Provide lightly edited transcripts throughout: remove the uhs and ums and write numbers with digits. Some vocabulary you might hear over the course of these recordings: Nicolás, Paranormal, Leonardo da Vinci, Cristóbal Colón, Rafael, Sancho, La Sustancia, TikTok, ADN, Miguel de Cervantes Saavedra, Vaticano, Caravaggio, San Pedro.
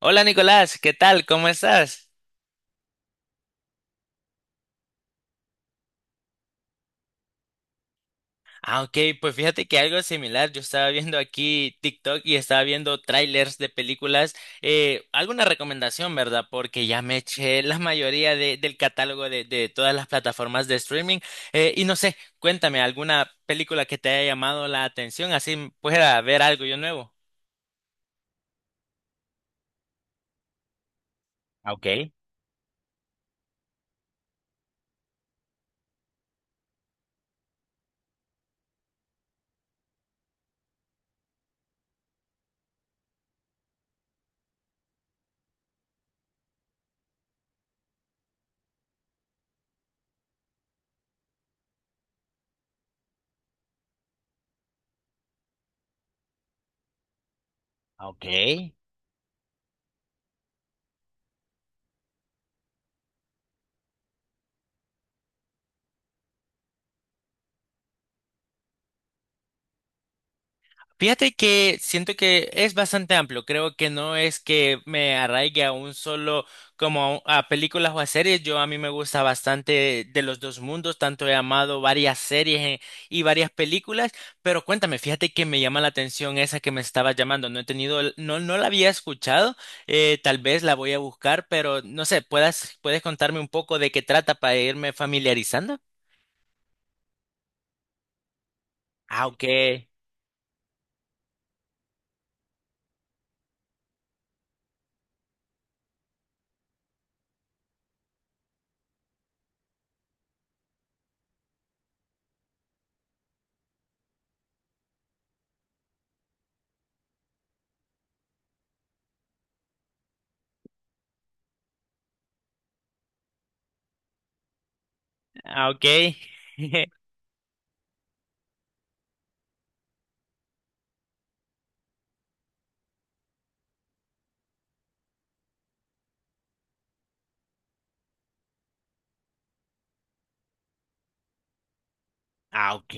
Hola Nicolás, ¿qué tal? ¿Cómo estás? Ah, ok, pues fíjate que algo similar, yo estaba viendo aquí TikTok y estaba viendo trailers de películas, alguna recomendación, ¿verdad? Porque ya me eché la mayoría del catálogo de todas las plataformas de streaming y no sé, cuéntame, ¿alguna película que te haya llamado la atención? Así pueda ver algo yo nuevo. Ah, ok, ok. Fíjate que siento que es bastante amplio. Creo que no es que me arraigue a un solo, como a películas o a series. Yo a mí me gusta bastante de los dos mundos, tanto he amado varias series y varias películas. Pero cuéntame, fíjate que me llama la atención esa que me estaba llamando. No he tenido, no, no la había escuchado. Tal vez la voy a buscar, pero no sé, puedes contarme un poco de qué trata para irme familiarizando. Ah, ok. Ah, ok. Ah, ok.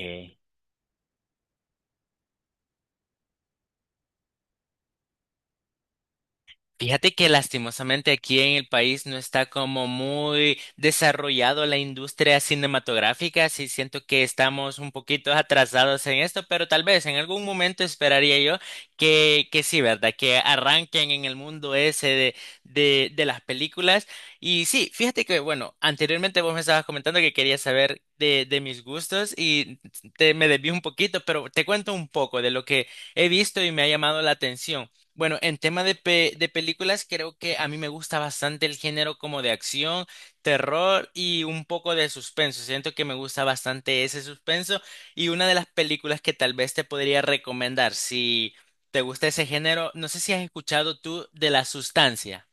Fíjate que lastimosamente aquí en el país no está como muy desarrollado la industria cinematográfica, sí siento que estamos un poquito atrasados en esto, pero tal vez en algún momento esperaría yo que sí, ¿verdad? Que arranquen en el mundo ese de, de las películas. Y sí, fíjate que, bueno, anteriormente vos me estabas comentando que querías saber de mis gustos y te, me desvío un poquito, pero te cuento un poco de lo que he visto y me ha llamado la atención. Bueno, en tema de, de películas, creo que a mí me gusta bastante el género como de acción, terror y un poco de suspenso. Siento que me gusta bastante ese suspenso y una de las películas que tal vez te podría recomendar si te gusta ese género, no sé si has escuchado tú de La Sustancia.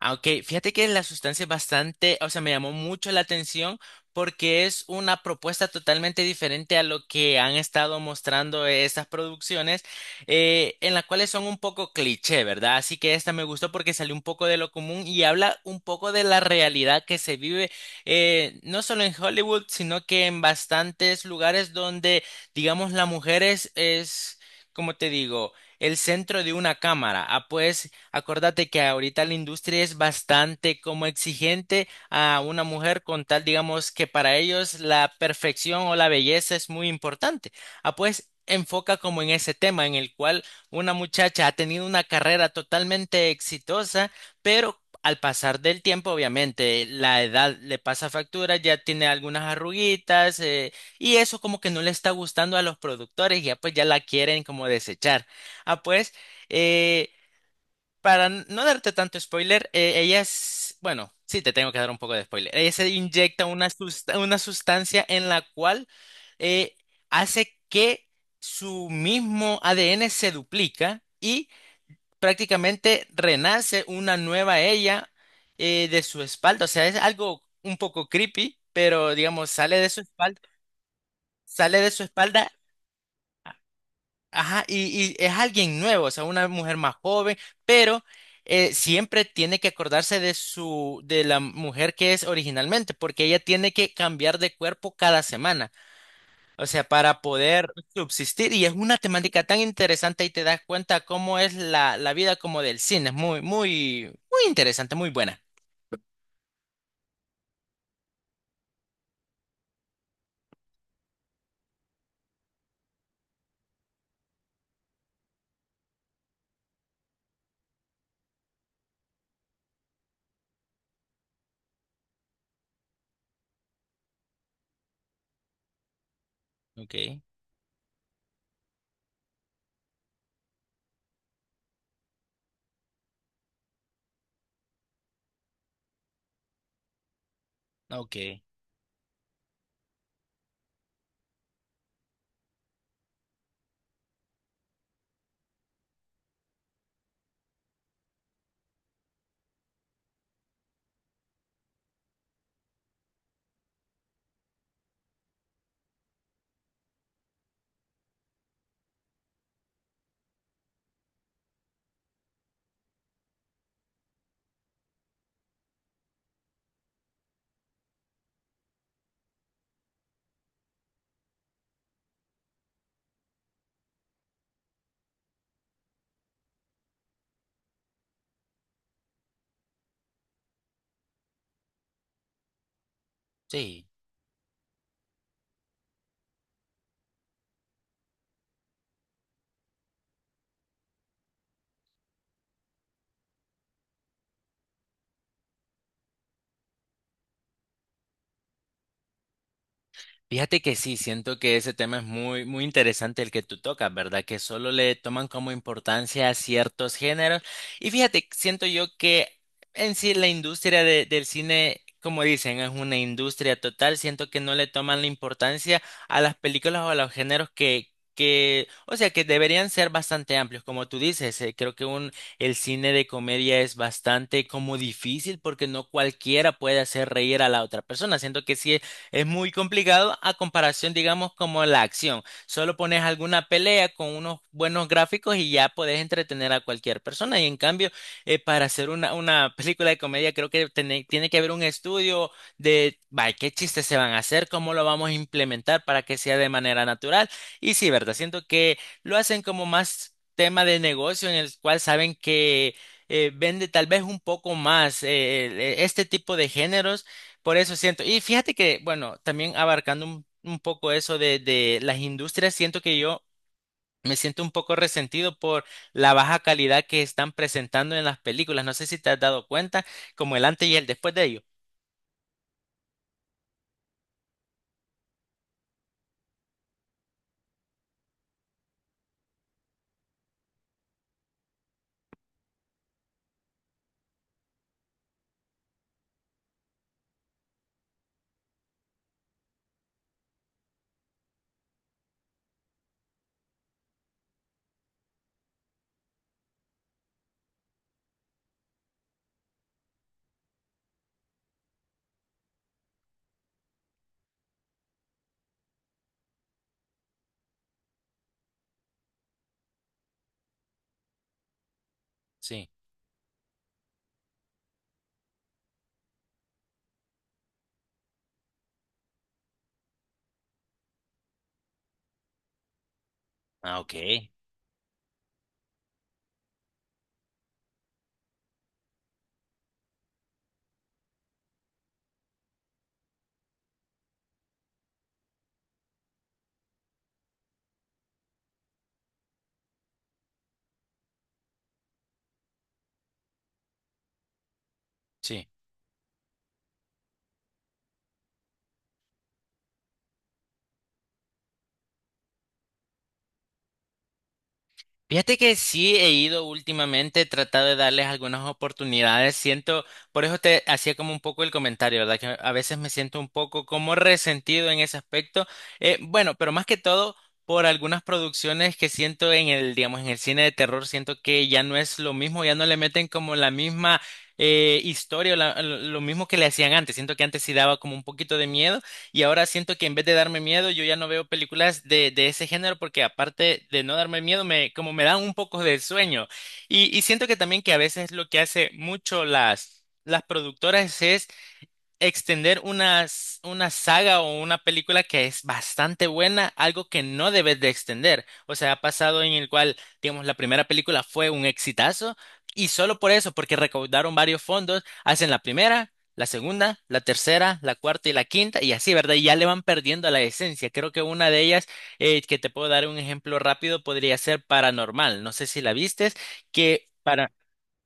Aunque fíjate que la sustancia es bastante, o sea, me llamó mucho la atención porque es una propuesta totalmente diferente a lo que han estado mostrando estas producciones, en las cuales son un poco cliché, ¿verdad? Así que esta me gustó porque salió un poco de lo común y habla un poco de la realidad que se vive, no solo en Hollywood, sino que en bastantes lugares donde, digamos, la mujer es, como te digo, el centro de una cámara. Ah, pues. Acordate que ahorita la industria es bastante como exigente a una mujer con tal, digamos, que para ellos la perfección o la belleza es muy importante. Ah, pues enfoca como en ese tema en el cual una muchacha ha tenido una carrera totalmente exitosa, pero al pasar del tiempo, obviamente, la edad le pasa factura, ya tiene algunas arruguitas, y eso como que no le está gustando a los productores, y ya pues ya la quieren como desechar. Ah, pues... eh, para no darte tanto spoiler, ella es, bueno, sí, te tengo que dar un poco de spoiler. Ella se inyecta una, una sustancia en la cual eh, hace que su mismo ADN se duplica y prácticamente renace una nueva ella de su espalda. O sea, es algo un poco creepy, pero digamos, sale de su espalda, sale de su espalda. Ajá, y es alguien nuevo, o sea, una mujer más joven, pero siempre tiene que acordarse de su, de la mujer que es originalmente, porque ella tiene que cambiar de cuerpo cada semana, o sea, para poder subsistir. Y es una temática tan interesante y te das cuenta cómo es la, la vida como del cine. Es muy, muy interesante, muy buena. Okay, okay, sí. Fíjate que sí, siento que ese tema es muy, muy interesante el que tú tocas, ¿verdad? Que solo le toman como importancia a ciertos géneros. Y fíjate, siento yo que en sí la industria del cine, como dicen, es una industria total. Siento que no le toman la importancia a las películas o a los géneros que, o sea, que deberían ser bastante amplios. Como tú dices, creo que un, el cine de comedia es bastante como difícil porque no cualquiera puede hacer reír a la otra persona. Siento que sí es muy complicado a comparación, digamos, como la acción. Solo pones alguna pelea con unos buenos gráficos y ya puedes entretener a cualquier persona. Y en cambio, para hacer una película de comedia, creo que tiene que haber un estudio de, vaya, qué chistes se van a hacer, cómo lo vamos a implementar para que sea de manera natural. Y sí, ¿verdad? Siento que lo hacen como más tema de negocio en el cual saben que... vende tal vez un poco más este tipo de géneros por eso siento, y fíjate que, bueno, también abarcando un poco eso de las industrias, siento que yo me siento un poco resentido por la baja calidad que están presentando en las películas. No sé si te has dado cuenta, como el antes y el después de ello. Sí. Ah, ok. Sí. Fíjate que sí he ido últimamente, he tratado de darles algunas oportunidades. Siento, por eso te hacía como un poco el comentario, ¿verdad? Que a veces me siento un poco como resentido en ese aspecto. Bueno, pero más que todo por algunas producciones que siento en el, digamos, en el cine de terror, siento que ya no es lo mismo, ya no le meten como la misma historia, o lo mismo que le hacían antes. Siento que antes sí daba como un poquito de miedo. Y ahora siento que en vez de darme miedo, yo ya no veo películas de ese género porque aparte de no darme miedo, me, como me dan un poco de sueño. Y siento que también que a veces lo que hace mucho las productoras es extender una, una saga o una película que es bastante buena, algo que no debes de extender. O sea, ha pasado en el cual, digamos, la primera película fue un exitazo y solo por eso, porque recaudaron varios fondos, hacen la primera, la segunda, la tercera, la cuarta y la quinta y así, ¿verdad? Y ya le van perdiendo la esencia. Creo que una de ellas, que te puedo dar un ejemplo rápido, podría ser Paranormal. No sé si la vistes, que...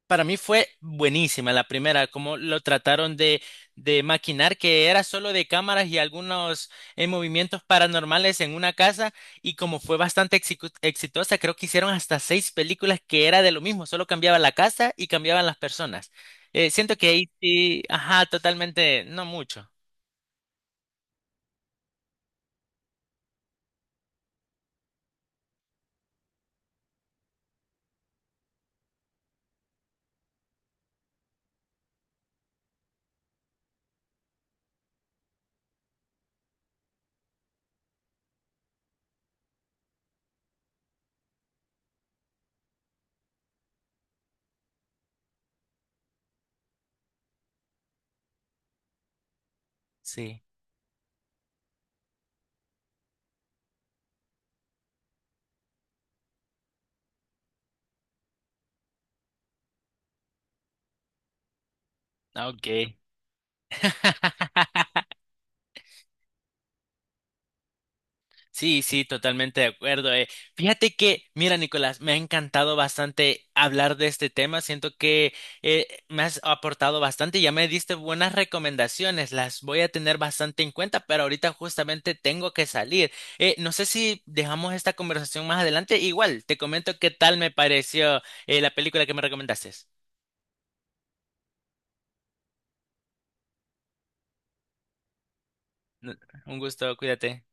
para mí fue buenísima la primera, como lo trataron de maquinar, que era solo de cámaras y algunos movimientos paranormales en una casa, y como fue bastante exitosa, creo que hicieron hasta 6 películas que era de lo mismo, solo cambiaba la casa y cambiaban las personas. Siento que ahí sí, ajá, totalmente, no mucho. Sí, ah, ok. Sí, sí, totalmente de acuerdo. Eh. Fíjate que, mira, Nicolás, me ha encantado bastante hablar de este tema. Siento que me has aportado bastante, ya me diste buenas recomendaciones. Las voy a tener bastante en cuenta, pero ahorita justamente tengo que salir. No sé si dejamos esta conversación más adelante. Igual, te comento qué tal me pareció la película que me recomendaste. Un gusto, cuídate.